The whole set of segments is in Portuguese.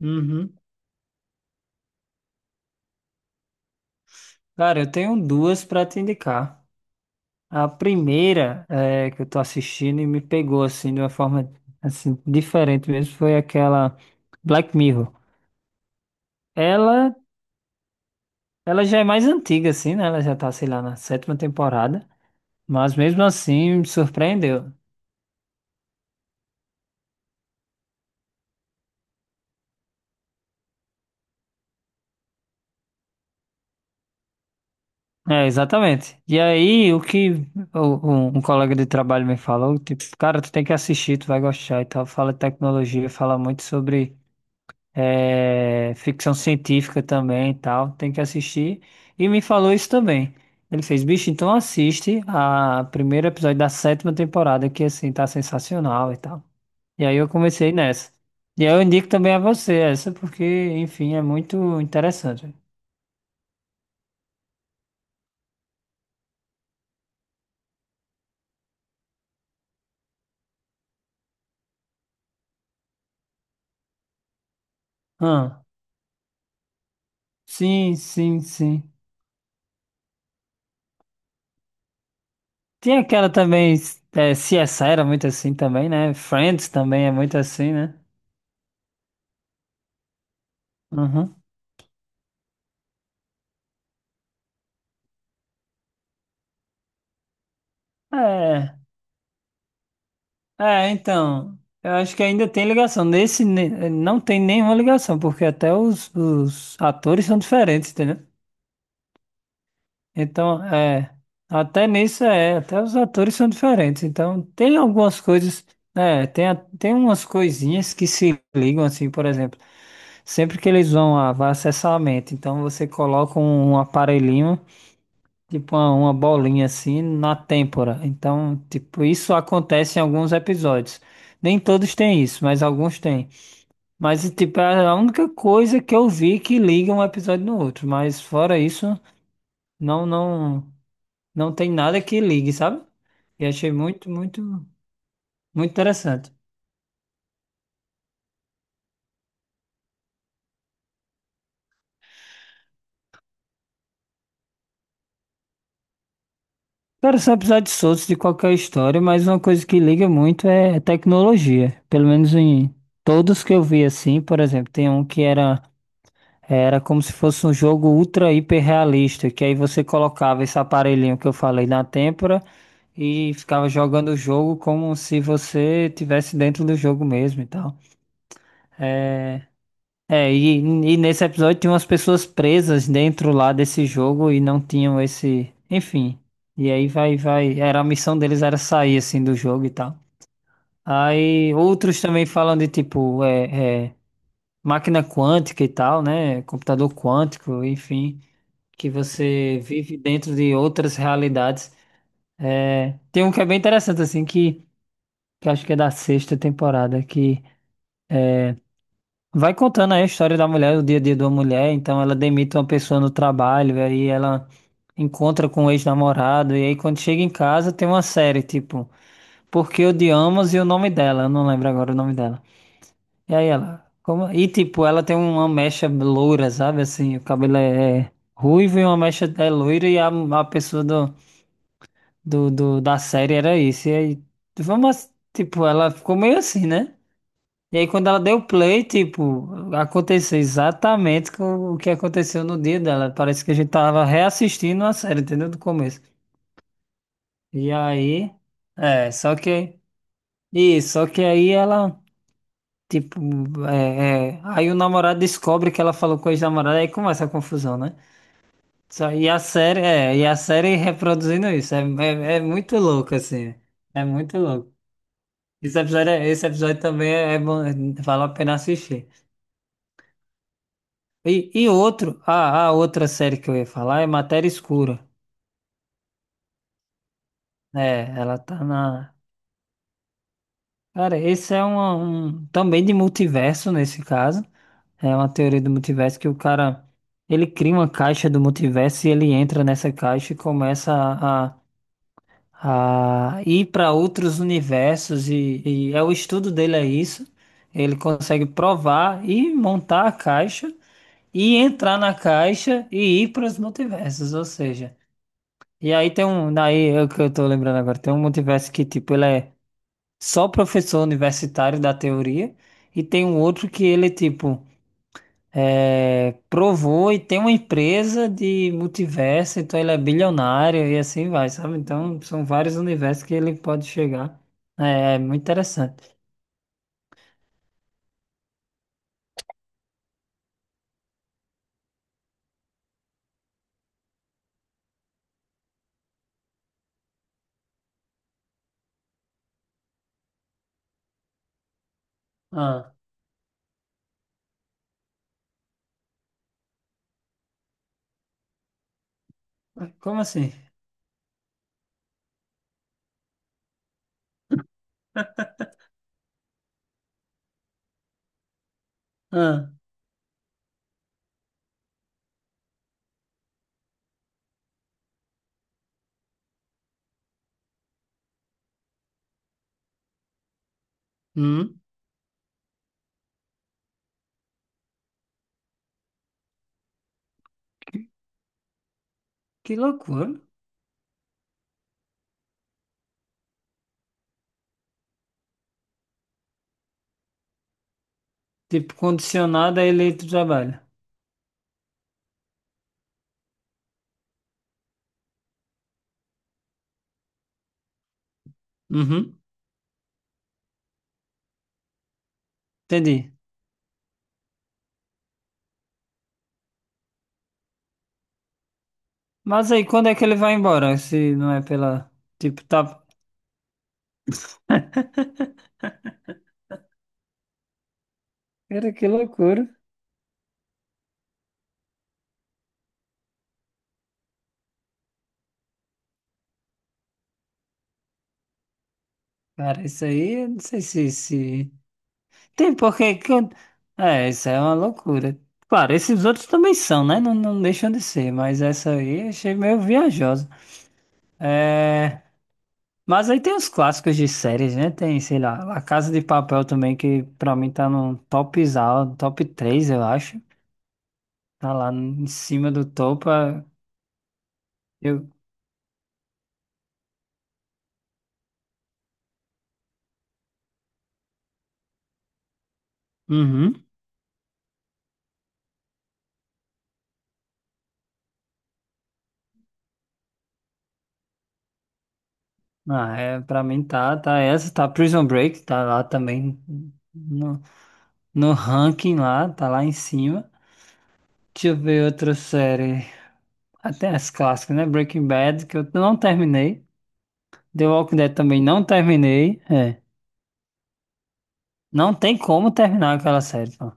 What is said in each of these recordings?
Uhum. Cara, eu tenho duas para te indicar. A primeira é, que eu tô assistindo e me pegou assim de uma forma assim diferente mesmo foi aquela Black Mirror. Ela, ela já é mais antiga assim, né? Ela já tá, sei lá, na sétima temporada, mas mesmo assim me surpreendeu. É, exatamente. E aí, o que um colega de trabalho me falou, tipo, cara, tu tem que assistir, tu vai gostar e tal. Fala de tecnologia, fala muito sobre ficção científica também e tal, tem que assistir. E me falou isso também. Ele fez, bicho, então assiste a primeiro episódio da sétima temporada, que assim, tá sensacional e tal. E aí eu comecei nessa. E aí eu indico também a você essa, porque, enfim, é muito interessante. Ah, sim, sim, sim. Tem aquela também, CSI era muito assim também, né? Friends também é muito assim, né? Uhum. É. É, então, eu acho que ainda tem ligação. Nesse não tem nenhuma ligação, porque até os atores são diferentes, entendeu? Então, é, até os atores são diferentes. Então, tem algumas coisas, tem umas coisinhas que se ligam, assim, por exemplo, sempre que eles vai acessar a mente, então você coloca um aparelhinho. Tipo uma bolinha assim na têmpora. Então, tipo, isso acontece em alguns episódios. Nem todos têm isso, mas alguns têm. Mas, tipo, é a única coisa que eu vi que liga um episódio no outro. Mas fora isso, não, não, não tem nada que ligue, sabe? E achei muito, muito, muito interessante. Cara, são episódios soltos de qualquer história, mas uma coisa que liga muito é tecnologia. Pelo menos em todos que eu vi assim, por exemplo, tem um que era como se fosse um jogo ultra hiper realista, que aí você colocava esse aparelhinho que eu falei na têmpora e ficava jogando o jogo como se você tivesse dentro do jogo mesmo e tal. É, e nesse episódio tinha umas pessoas presas dentro lá desse jogo e não tinham esse, enfim. E aí vai, era a missão deles era sair assim do jogo e tal. Aí outros também falam de tipo, máquina quântica e tal, né? Computador quântico, enfim. Que você vive dentro de outras realidades. É, tem um que é bem interessante, assim, que acho que é da sexta temporada, que vai contando aí a história da mulher, o dia a dia de uma mulher. Então, ela demite uma pessoa no trabalho, aí ela encontra com o ex-namorado, e aí quando chega em casa tem uma série, tipo, Por que Odiamos, e o nome dela, eu não lembro agora o nome dela. E aí ela, como... E tipo, ela tem uma mecha loura, sabe, assim, o cabelo é ruivo e uma mecha é loira, e a pessoa da série era isso. E aí, vamos, tipo, ela ficou meio assim, né? E aí, quando ela deu play, tipo, aconteceu exatamente com o que aconteceu no dia dela. Parece que a gente tava reassistindo a série, entendeu? Do começo. E aí, só que, isso, só que aí ela, tipo, aí o namorado descobre que ela falou com o ex-namorado, aí começa a confusão, né? Só, e a série, e a série reproduzindo isso, é muito louco, assim, é muito louco. Esse episódio, esse episódio também é bom, vale a pena assistir. E outro, a outra série que eu ia falar é Matéria Escura. É, ela tá na. Cara, esse é um, também de multiverso nesse caso. É uma teoria do multiverso que o cara ele cria uma caixa do multiverso e ele entra nessa caixa e começa a ir para outros universos e, é o estudo dele é isso. Ele consegue provar e montar a caixa. E entrar na caixa e ir para os multiversos, ou seja, e aí tem um, daí é o que eu tô lembrando agora, tem um multiverso que tipo ele é só professor universitário da teoria, e tem um outro que ele tipo provou e tem uma empresa de multiverso, então ele é bilionário e assim vai, sabe? Então são vários universos que ele pode chegar. É muito interessante. Ah, como assim? Ah, hum, que loucura. Tipo, condicionado a eleito trabalho. Uhum, entendi. Mas aí, quando é que ele vai embora? Se não é pela. Tipo, tá. Cara, que loucura. Cara, isso aí, eu não sei se... Tem porque. É, isso é uma loucura. Claro, esses outros também são, né? Não, não deixam de ser, mas essa aí eu achei meio viajosa. É... Mas aí tem os clássicos de séries, né? Tem, sei lá, La Casa de Papel também, que pra mim tá no top, top 3 eu acho. Tá lá em cima do topo. Eu. Uhum. Ah, é, pra mim tá essa, tá Prison Break, tá lá também no, no ranking lá, tá lá em cima. Deixa eu ver outra série, até as clássicas, né? Breaking Bad, que eu não terminei. The Walking Dead também não terminei, é. Não tem como terminar aquela série, pô.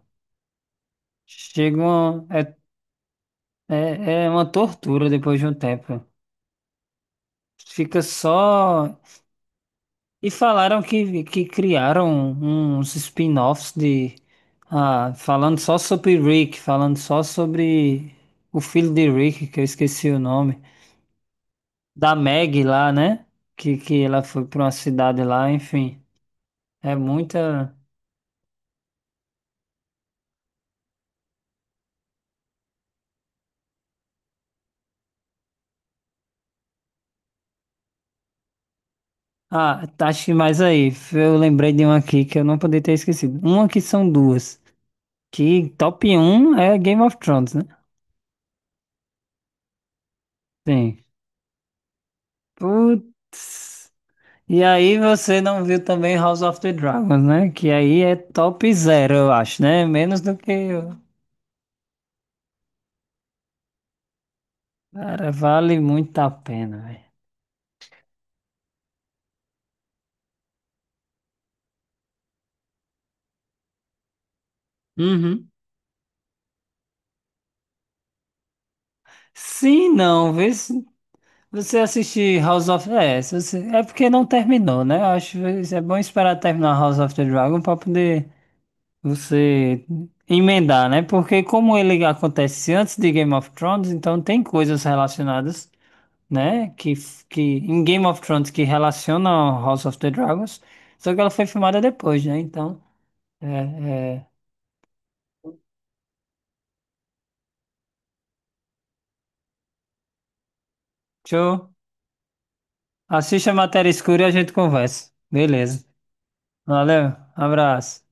Chega uma, é, é, É uma tortura depois de um tempo. Fica só. E falaram que criaram uns spin-offs de. Ah, falando só sobre Rick, falando só sobre o filho de Rick, que eu esqueci o nome. Da Maggie lá, né? Que ela foi pra uma cidade lá, enfim. É muita. Ah, tá, acho que mais aí. Eu lembrei de uma aqui que eu não poderia ter esquecido. Uma que são duas. Que top um é Game of Thrones, né? Sim. Putz. E aí você não viu também House of the Dragons, né? Que aí é top zero, eu acho, né? Menos do que... Cara, vale muito a pena, velho. Uhum. Sim, não, vê se você assistir House of... É, se você- é porque não terminou, né? Eu acho que é bom esperar terminar House of the Dragon pra poder você emendar, né? Porque como ele acontece antes de Game of Thrones, então tem coisas relacionadas, né? Que em Game of Thrones que relaciona ao House of the Dragons, só que ela foi filmada depois, né? Então, é, é, show. Assiste a Matéria Escura e a gente conversa. Beleza. Valeu, abraço.